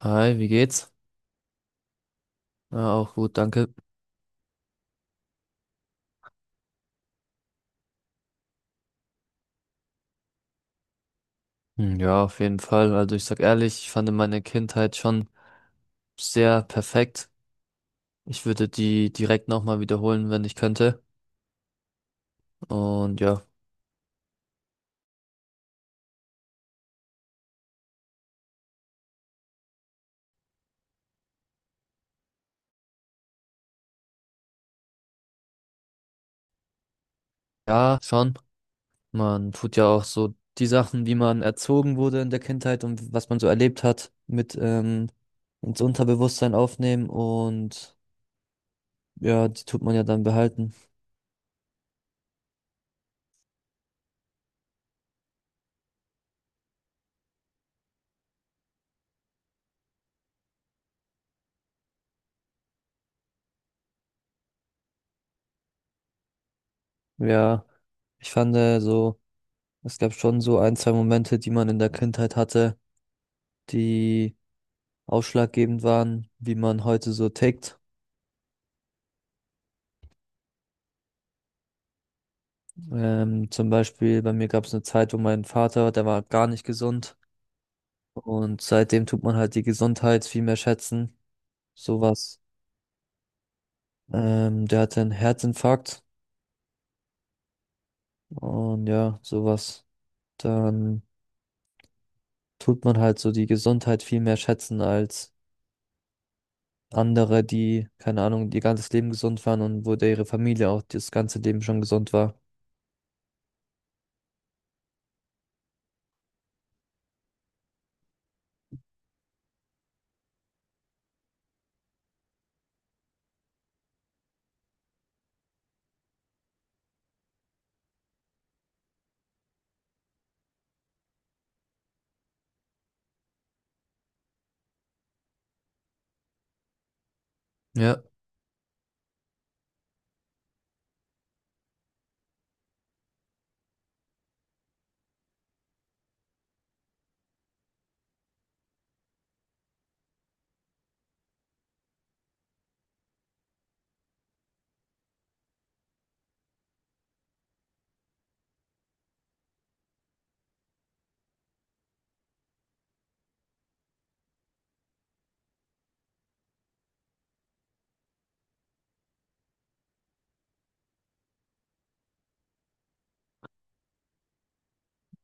Hi, wie geht's? Ja, auch gut, danke. Hm, ja, auf jeden Fall. Also ich sag ehrlich, ich fand meine Kindheit schon sehr perfekt. Ich würde die direkt nochmal wiederholen, wenn ich könnte. Und ja, ja, schon. Man tut ja auch so die Sachen, wie man erzogen wurde in der Kindheit und was man so erlebt hat, mit ins Unterbewusstsein aufnehmen und ja, die tut man ja dann behalten. Ja, ich fand so. Es gab schon so ein, zwei Momente, die man in der Kindheit hatte, die ausschlaggebend waren, wie man heute so tickt. Zum Beispiel bei mir gab es eine Zeit, wo mein Vater, der war gar nicht gesund, und seitdem tut man halt die Gesundheit viel mehr schätzen. Sowas. Der hatte einen Herzinfarkt und ja, sowas. Dann tut man halt so die Gesundheit viel mehr schätzen als andere, die, keine Ahnung, ihr ganzes Leben gesund waren und wo der ihre Familie auch das ganze Leben schon gesund war. Ja,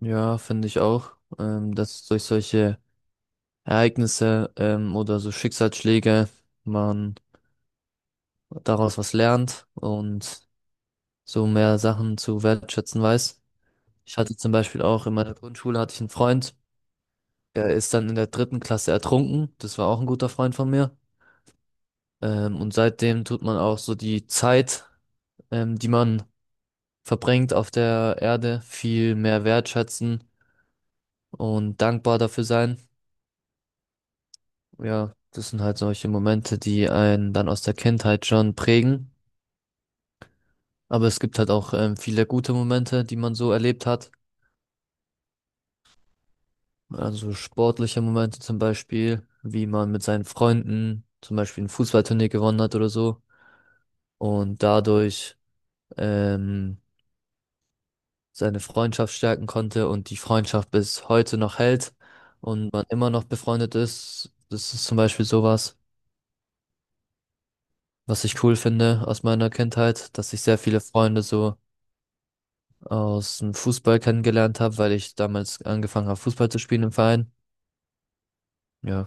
ja, finde ich auch, dass durch solche Ereignisse oder so Schicksalsschläge man daraus was lernt und so mehr Sachen zu wertschätzen weiß. Ich hatte zum Beispiel auch in meiner Grundschule hatte ich einen Freund, der ist dann in der dritten Klasse ertrunken. Das war auch ein guter Freund von mir. Und seitdem tut man auch so die Zeit, die man verbringt auf der Erde, viel mehr wertschätzen und dankbar dafür sein. Ja, das sind halt solche Momente, die einen dann aus der Kindheit schon prägen. Aber es gibt halt auch viele gute Momente, die man so erlebt hat. Also sportliche Momente zum Beispiel, wie man mit seinen Freunden zum Beispiel ein Fußballturnier gewonnen hat oder so und dadurch ähm, seine Freundschaft stärken konnte und die Freundschaft bis heute noch hält und man immer noch befreundet ist. Das ist zum Beispiel sowas, was ich cool finde aus meiner Kindheit, dass ich sehr viele Freunde so aus dem Fußball kennengelernt habe, weil ich damals angefangen habe, Fußball zu spielen im Verein. Ja,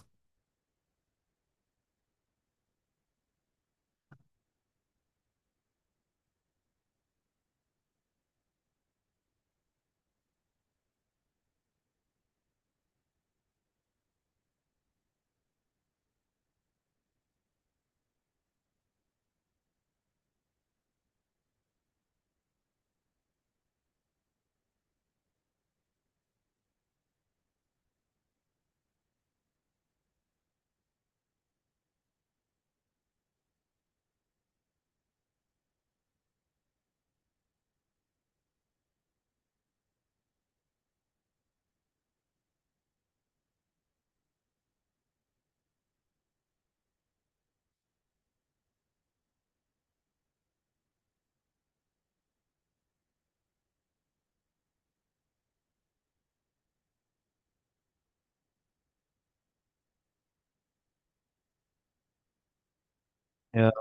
ja,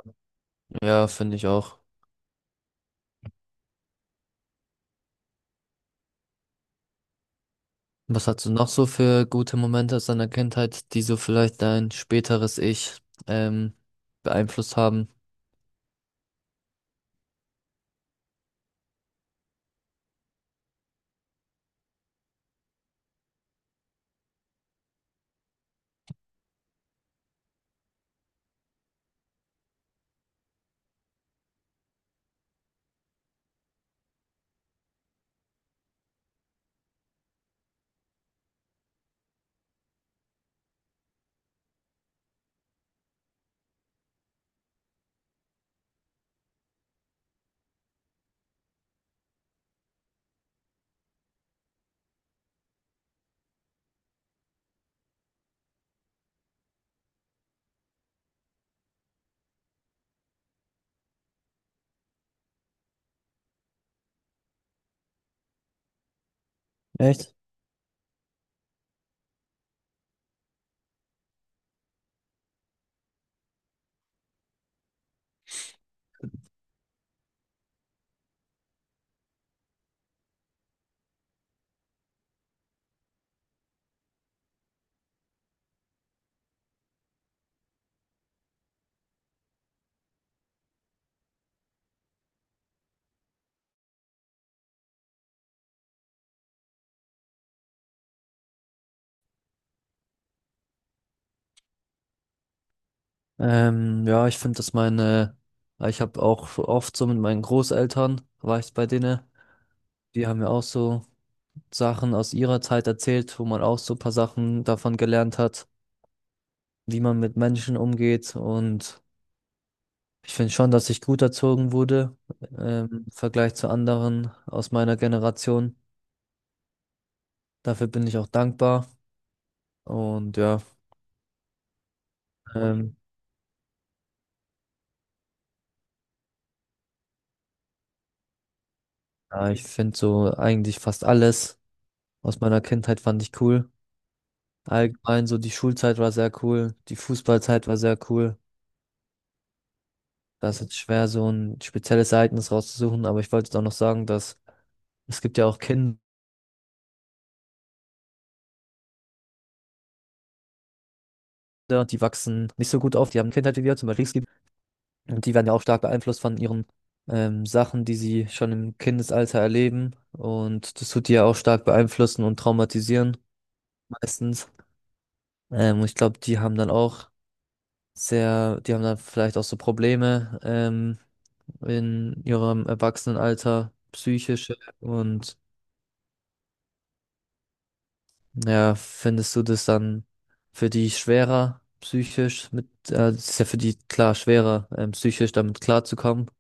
ja, finde ich auch. Was hast du noch so für gute Momente aus deiner Kindheit, die so vielleicht dein späteres Ich ähm, beeinflusst haben? Echt? Ja, ich finde, dass meine, ich habe auch oft so mit meinen Großeltern, war ich bei denen, die haben mir auch so Sachen aus ihrer Zeit erzählt, wo man auch so ein paar Sachen davon gelernt hat, wie man mit Menschen umgeht. Und ich finde schon, dass ich gut erzogen wurde, im Vergleich zu anderen aus meiner Generation. Dafür bin ich auch dankbar. Und ja, ähm, ja, ich finde so eigentlich fast alles aus meiner Kindheit fand ich cool. Allgemein so die Schulzeit war sehr cool, die Fußballzeit war sehr cool. Das ist jetzt schwer, so ein spezielles Ereignis rauszusuchen, aber ich wollte jetzt auch noch sagen, dass es gibt ja auch Kinder, die wachsen nicht so gut auf, die haben Kindheit wie wir, zum Beispiel. Und die werden ja auch stark beeinflusst von ihren Sachen, die sie schon im Kindesalter erleben. Und das tut die ja auch stark beeinflussen und traumatisieren meistens. Und ich glaube, die haben dann auch sehr, die haben dann vielleicht auch so Probleme in ihrem Erwachsenenalter, psychische. Und ja, findest du das dann für die schwerer psychisch das ist ja für die klar schwerer psychisch damit klarzukommen?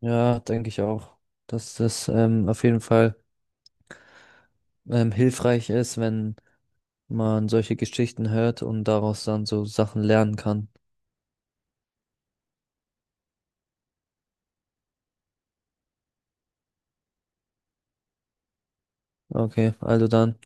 Ja, denke ich auch, dass das auf jeden Fall hilfreich ist, wenn man solche Geschichten hört und daraus dann so Sachen lernen kann. Okay, also dann.